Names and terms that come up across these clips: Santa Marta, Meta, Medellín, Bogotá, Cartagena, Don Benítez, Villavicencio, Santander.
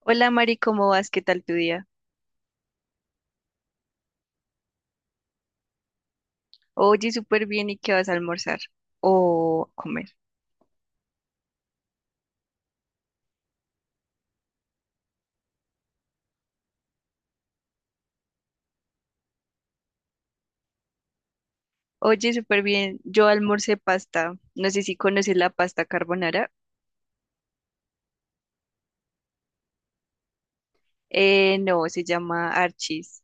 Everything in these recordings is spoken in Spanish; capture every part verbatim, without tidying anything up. Hola Mari, ¿cómo vas? ¿Qué tal tu día? Oye, súper bien, ¿y qué vas a almorzar? O a comer. Oye, súper bien, yo almorcé pasta. No sé si conoces la pasta carbonara. Eh, no, se llama Archis.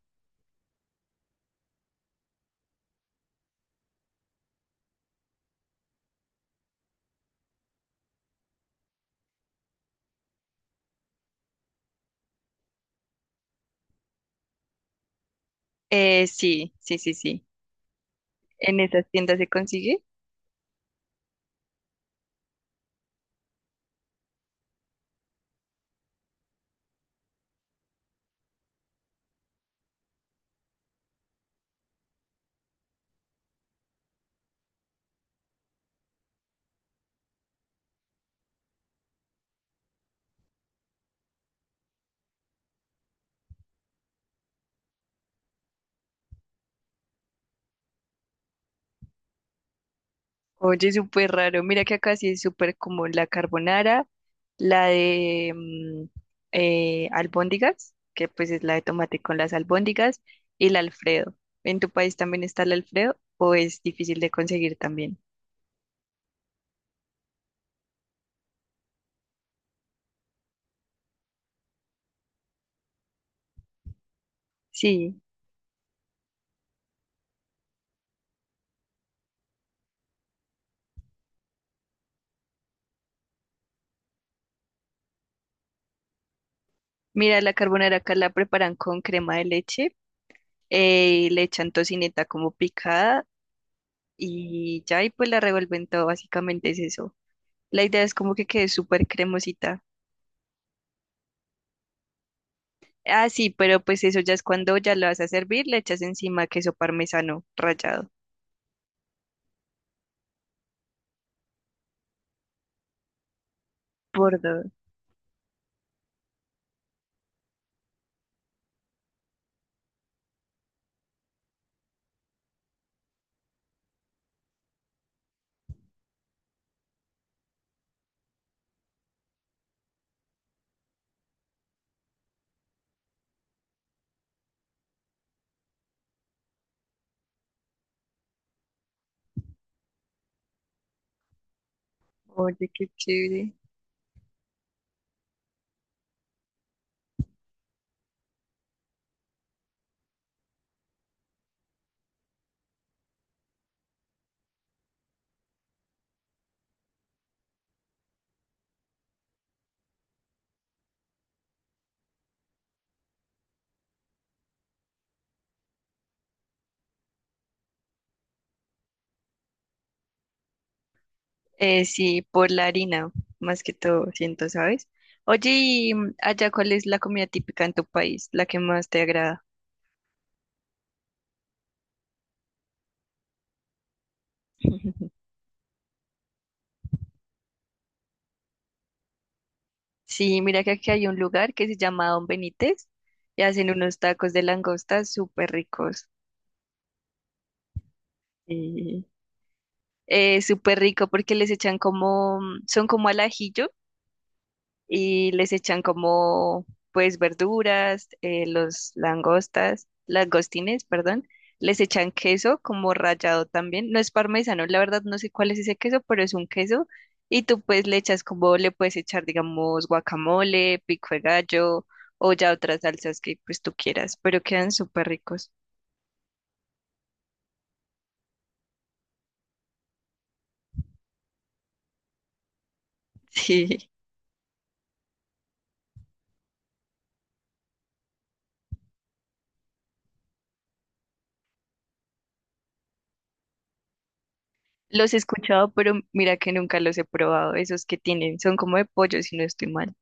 Eh, sí, sí, sí, sí. ¿En esas tiendas se consigue? Oye, súper raro. Mira que acá sí es súper como la carbonara, la de mm, eh, albóndigas, que pues es la de tomate con las albóndigas, y el Alfredo. ¿En tu país también está el Alfredo o es difícil de conseguir también? Sí, mira, la carbonara acá la preparan con crema de leche, eh, le echan tocineta como picada y ya, y pues la revuelven todo, básicamente es eso. La idea es como que quede súper cremosita. Ah, sí, pero pues eso ya es cuando ya lo vas a servir, le echas encima queso parmesano rallado. Por dos. Oye, qué chévere. Eh, sí, por la harina, más que todo, siento, ¿sabes? Oye, y mm, allá, ¿cuál es la comida típica en tu país, la que más te agrada? Sí, mira que aquí hay un lugar que se llama Don Benítez y hacen unos tacos de langosta súper ricos. Sí, Eh, súper rico porque les echan como, mm, son como al ajillo y les echan como pues verduras, eh, los langostas, langostines, perdón, les echan queso como rallado también, no es parmesano, la verdad no sé cuál es ese queso, pero es un queso, y tú pues le echas como le puedes echar digamos guacamole, pico de gallo o ya otras salsas que pues tú quieras, pero quedan súper ricos. Sí, los he escuchado, pero mira que nunca los he probado, esos que tienen, son como de pollo si no estoy mal.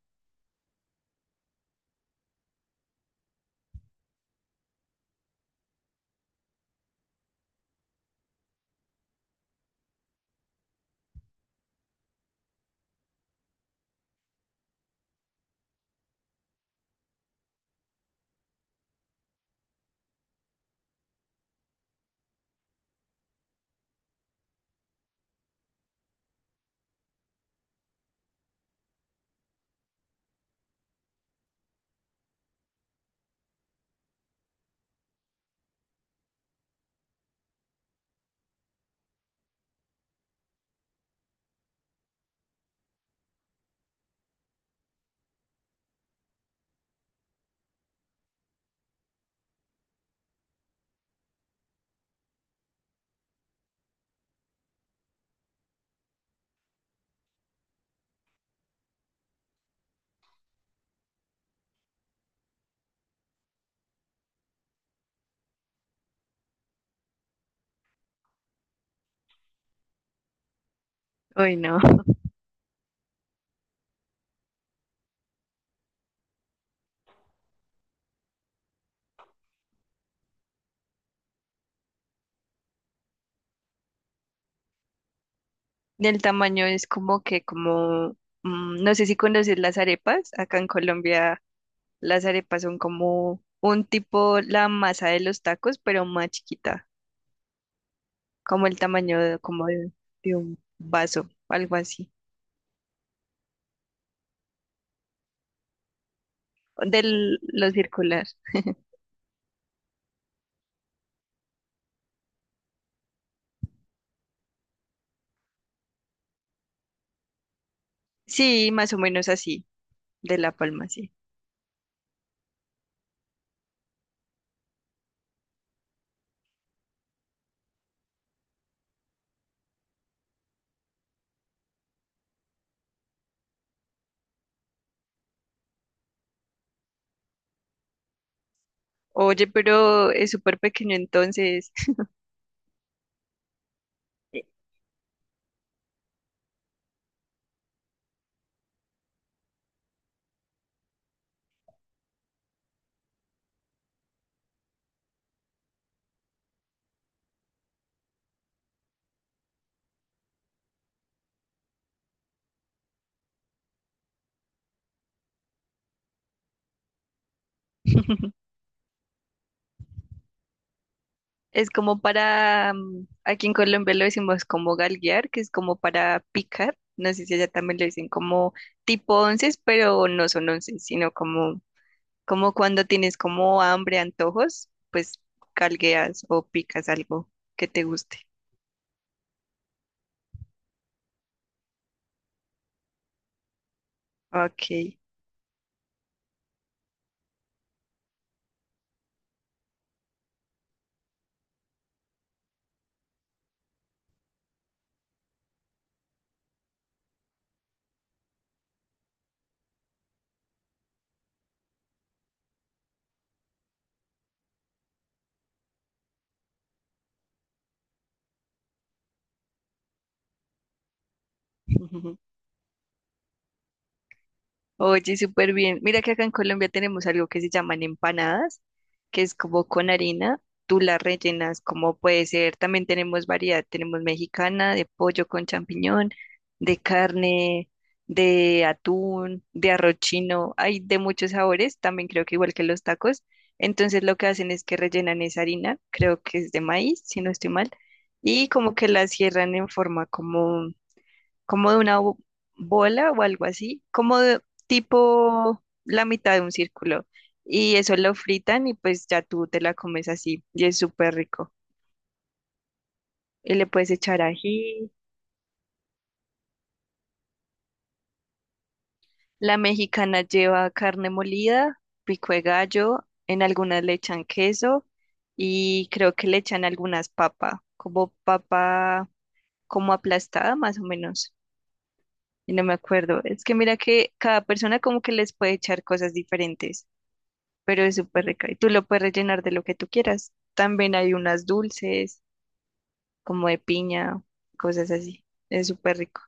Uy, no. El tamaño es como que, como, mm, no sé si conoces las arepas. Acá en Colombia las arepas son como un tipo la masa de los tacos, pero más chiquita, como el tamaño de- como de, de un vaso, algo así, de lo circular. Sí, más o menos así, de La Palma, sí. Oye, pero es súper pequeño entonces. Es como para, mm, aquí en Colombia lo decimos como galguear, que es como para picar. No sé si allá también lo dicen como tipo onces, pero no son onces, sino como, como cuando tienes como hambre, antojos, pues galgueas o picas algo que te guste. Ok. Oye, súper bien. Mira que acá en Colombia tenemos algo que se llaman empanadas, que es como con harina, tú la rellenas como puede ser. También tenemos variedad, tenemos mexicana, de pollo con champiñón, de carne, de atún, de arroz chino, hay de muchos sabores, también creo que igual que los tacos. Entonces lo que hacen es que rellenan esa harina, creo que es de maíz, si no estoy mal, y como que la cierran en forma como de una bo- bola o algo así, como de tipo la mitad de un círculo. Y eso lo fritan y pues ya tú te la comes así y es súper rico. Y le puedes echar ají. La mexicana lleva carne molida, pico de gallo, en algunas le echan queso y creo que le echan algunas papas, como papa como aplastada más o menos. Y no me acuerdo. Es que mira que cada persona como que les puede echar cosas diferentes, pero es súper rica. Y tú lo puedes rellenar de lo que tú quieras. También hay unas dulces, como de piña, cosas así. Es súper rico.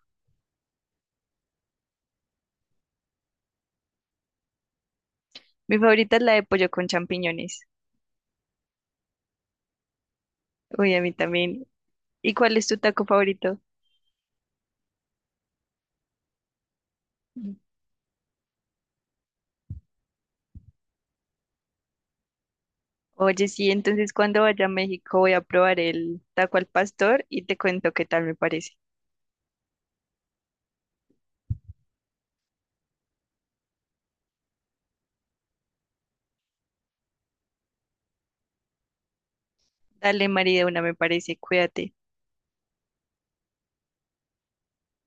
Mi favorita es la de pollo con champiñones. Uy, a mí también. ¿Y cuál es tu taco favorito? Mm. Oye, sí, entonces cuando vaya a México voy a probar el taco al pastor y te cuento qué tal me parece. Dale, María, una me parece, cuídate.